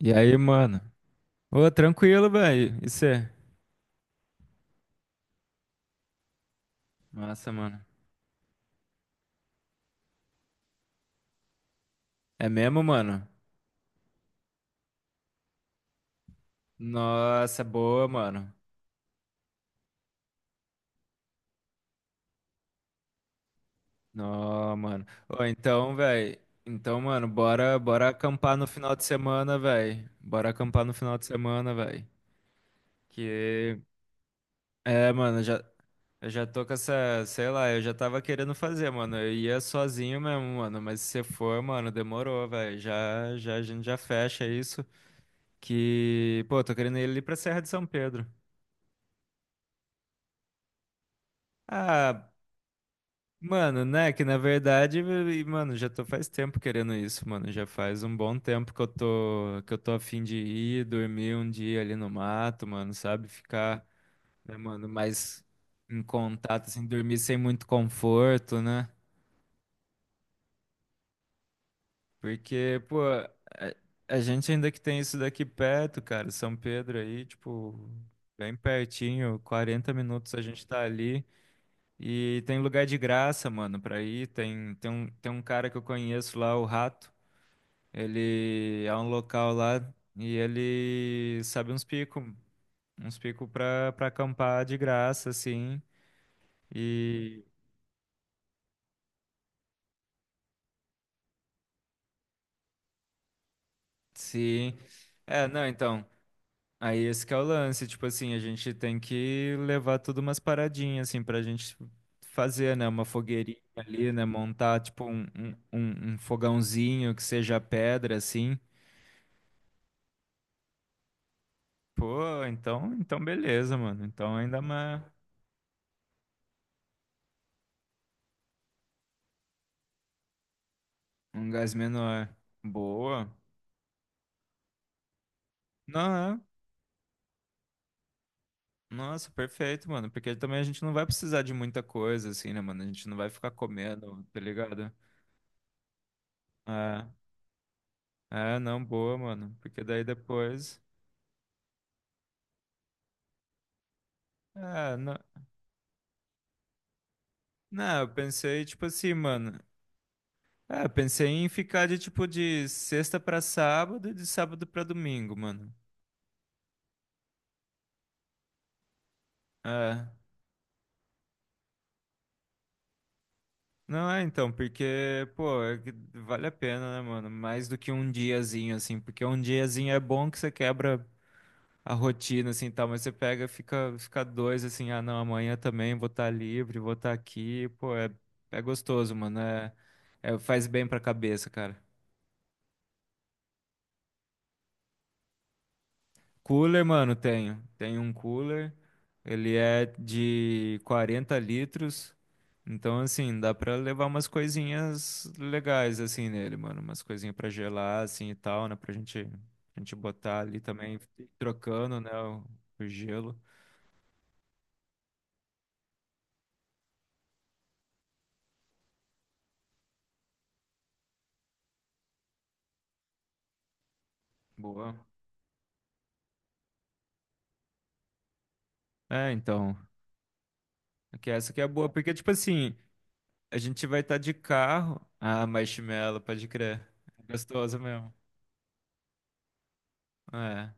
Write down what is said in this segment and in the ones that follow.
E aí, mano? Ô, tranquilo, velho. E cê? Massa, mano. É mesmo, mano? Nossa, boa, mano. Nó, mano. Ô, então, velho. Então, mano, bora acampar no final de semana, velho. Bora acampar no final de semana, velho. Que. É, mano, já, eu já tô com essa. Sei lá, eu já tava querendo fazer, mano. Eu ia sozinho mesmo, mano. Mas se você for, mano, demorou, velho. Já, a gente já fecha isso. Que. Pô, tô querendo ir ali pra Serra de São Pedro. Ah, mano, né? Que na verdade, e, mano, já tô faz tempo querendo isso, mano. Já faz um bom tempo que eu tô a fim de ir dormir um dia ali no mato, mano, sabe? Ficar, né, mano, mais em contato, assim, dormir sem muito conforto, né? Porque, pô, a gente ainda que tem isso daqui perto, cara, São Pedro aí, tipo, bem pertinho, 40 minutos a gente tá ali. E tem lugar de graça, mano, pra ir. Tem, tem um cara que eu conheço lá, o Rato. Ele é um local lá e ele sabe uns picos pra, pra acampar de graça, assim. E sim. É, não, então. Aí esse que é o lance, tipo assim, a gente tem que levar tudo umas paradinhas, assim, pra gente fazer, né? Uma fogueirinha ali, né? Montar, tipo, um fogãozinho que seja pedra, assim. Pô, então, então beleza, mano. Então ainda uma, um gás menor. Boa. Não, é. Nossa, perfeito, mano. Porque também a gente não vai precisar de muita coisa, assim, né, mano? A gente não vai ficar comendo, tá ligado? É, é, não, boa, mano. Porque daí depois. É, não. Não, eu pensei, tipo assim, mano. É, eu pensei em ficar de tipo de sexta pra sábado e de sábado pra domingo, mano. É. Não é, então, porque, pô, é que vale a pena, né, mano? Mais do que um diazinho, assim, porque um diazinho é bom que você quebra a rotina, assim, tal, mas você pega, fica, fica dois, assim, ah, não, amanhã também vou estar livre, vou estar aqui, pô, é, é gostoso, mano, é, é- faz bem pra cabeça, cara. Cooler, mano, tenho. Tenho um cooler. Ele é de 40 litros. Então, assim, dá pra levar umas coisinhas legais, assim, nele, mano. Umas coisinhas pra gelar, assim, e tal, né? Pra gente botar ali também, trocando, né? O gelo. Boa. É, então. É que essa aqui é boa, porque, tipo assim, a gente vai estar de carro. Ah, marshmallow, pode crer. É gostoso mesmo. É.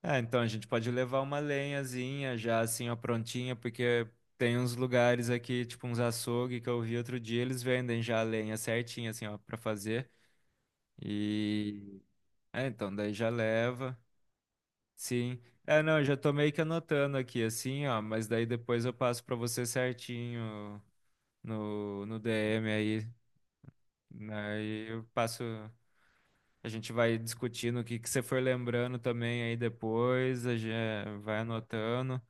É, então a gente pode levar uma lenhazinha já assim, ó, prontinha, porque tem uns lugares aqui, tipo uns açougue que eu vi outro dia, eles vendem já a lenha certinha, assim, ó, pra fazer. E. É, então daí já leva. Sim. É, não, eu já tô meio que anotando aqui, assim, ó, mas daí depois eu passo pra você certinho no DM aí. Aí eu passo. A gente vai discutindo o que que você for lembrando também aí depois, a gente vai anotando.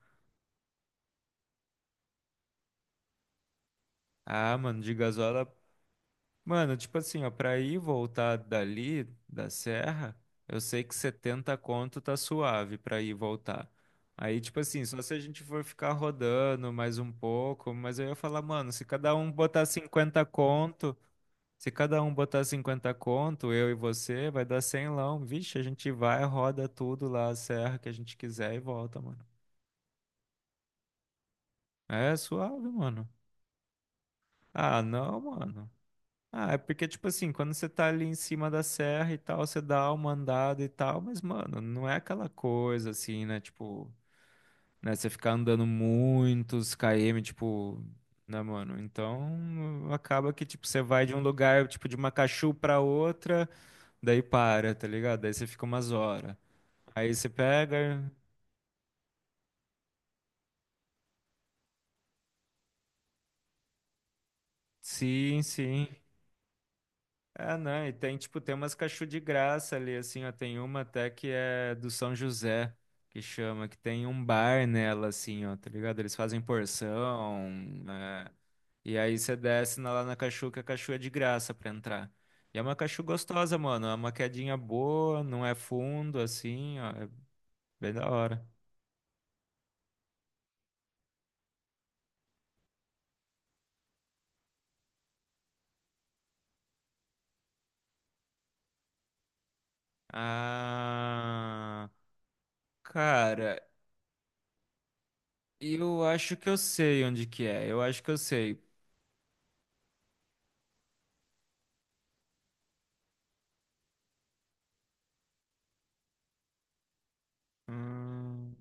Ah, mano, de gasola. Mano, tipo assim, ó, pra ir e voltar dali, da serra, eu sei que 70 conto tá suave pra ir e voltar. Aí, tipo assim, só se a gente for ficar rodando mais um pouco, mas eu ia falar, mano, se cada um botar 50 conto, se cada um botar 50 conto, eu e você, vai dar 100 lão. Vixe, a gente vai, roda tudo lá, a serra que a gente quiser e volta, mano. É suave, mano. Ah, não, mano. Ah, é porque, tipo assim, quando você tá ali em cima da serra e tal, você dá uma andada e tal, mas, mano, não é aquela coisa assim, né? Tipo, né? Você ficar andando muitos km, tipo, né, mano? Então, acaba que, tipo, você vai de um lugar, tipo, de Macachu pra outra, daí para, tá ligado? Daí você fica umas horas. Aí você pega, sim, sim. É, não, e tem, tipo, tem umas cachorro de graça ali, assim, ó, tem uma até que é do São José, que chama, que tem um bar nela, assim, ó, tá ligado? Eles fazem porção, né? E aí você desce na- lá na cachu, que a cachu é de graça pra entrar. E é uma cachu gostosa, mano, é uma quedinha boa, não é fundo, assim, ó, é bem da hora. Ah, cara, eu acho que eu sei onde que é, eu acho que eu sei. Hum,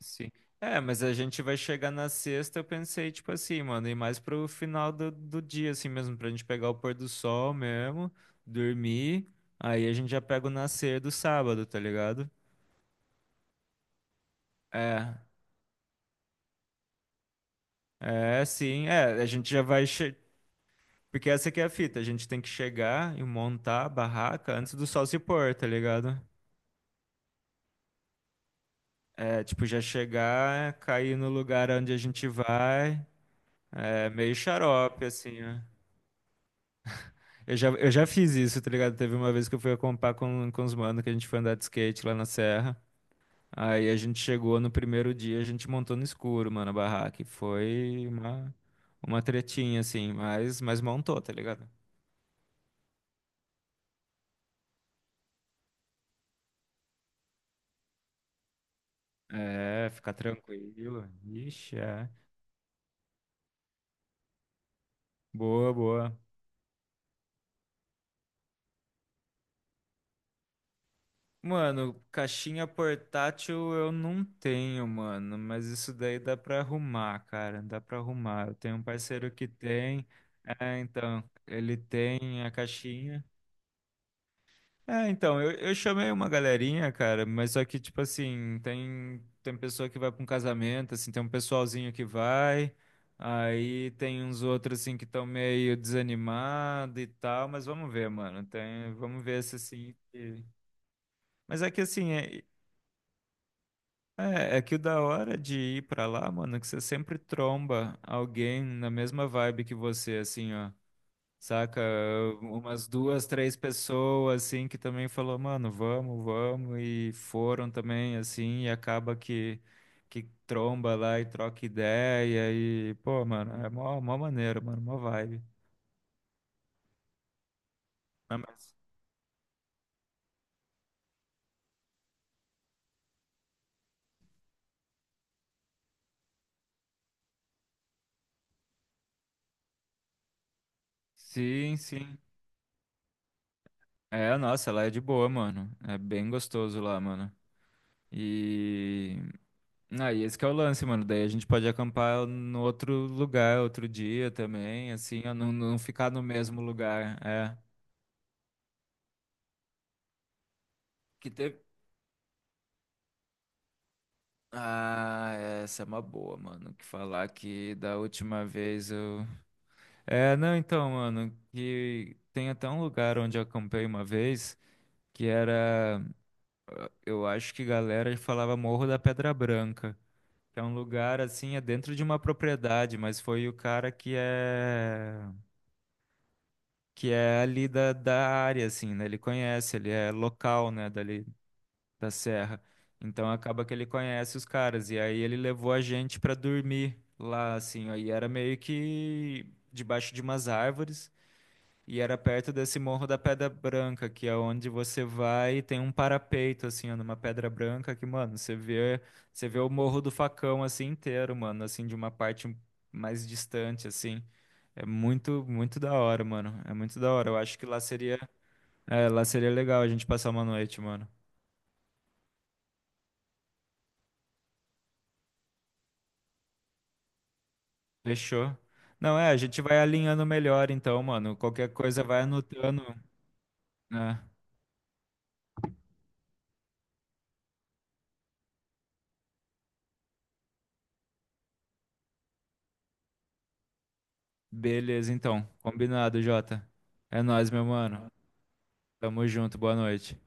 Sim. É, mas a gente vai chegar na sexta, eu pensei, tipo assim, mano, e mais pro final do, do dia, assim mesmo, pra gente pegar o pôr do sol mesmo, dormir, aí a gente já pega o nascer do sábado, tá ligado? É, é, sim, é, a gente já vai, che... porque essa aqui é a fita, a gente tem que chegar e montar a barraca antes do sol se pôr, tá ligado? É, tipo, já chegar, cair no lugar onde a gente vai, é meio xarope, assim, né? Eu já fiz isso, tá ligado? Teve uma vez que eu fui acampar com os manos, que a gente foi andar de skate lá na serra. Aí a gente chegou no primeiro dia, a gente montou no escuro, mano, a barraca. E foi uma tretinha, assim, mas montou, tá ligado? É, fica tranquilo. Ixi, é. Boa, boa. Mano, caixinha portátil eu não tenho, mano, mas isso daí dá pra arrumar, cara, dá pra arrumar. Eu tenho um parceiro que tem, é, então, ele tem a caixinha. É, então, eu chamei uma galerinha, cara, mas só que, tipo assim, tem, tem pessoa que vai pra um casamento, assim, tem um pessoalzinho que vai, aí tem uns outros, assim, que estão meio desanimado e tal, mas vamos ver, mano, tem, vamos ver se, assim... que- Mas é que, assim, é, é, é que o da hora de ir pra lá, mano, é que você sempre tromba alguém na mesma vibe que você, assim, ó. Saca? Umas duas, três pessoas, assim, que também falou, mano, vamos, vamos, e foram também, assim, e acaba que tromba lá e troca ideia, e, pô, mano, é mó, mó maneiro, mano, mó vibe. Ah, mas- Sim, sim. É, nossa, lá é de boa, mano. É bem gostoso lá, mano. E aí, esse que é o lance, mano. Daí a gente pode acampar no outro lugar, outro dia também, assim, ó, não, não ficar no mesmo lugar. É. Que teve, ah, essa é uma boa, mano. Que falar que da última vez eu. É, não, então, mano, que tem até um lugar onde eu acampei uma vez que era. Eu acho que galera falava Morro da Pedra Branca. Que é um lugar assim, é dentro de uma propriedade, mas foi o cara que é. Que é ali da, da área, assim, né? Ele conhece, ele é local, né? Dali. Da serra. Então acaba que ele conhece os caras e aí ele levou a gente pra dormir lá assim, ó, e era meio que debaixo de umas árvores e era perto desse Morro da Pedra Branca, que é onde você vai e tem um parapeito assim, ó, numa pedra branca que, mano, você vê o Morro do Facão assim inteiro, mano, assim de uma parte mais distante assim. É muito, muito da hora, mano. É muito da hora. Eu acho que lá seria, é, lá seria legal a gente passar uma noite, mano. Fechou. Não, é, a gente vai alinhando melhor então, mano. Qualquer coisa vai anotando, né? Beleza, então. Combinado, Jota. É nóis, meu mano. Tamo junto, boa noite.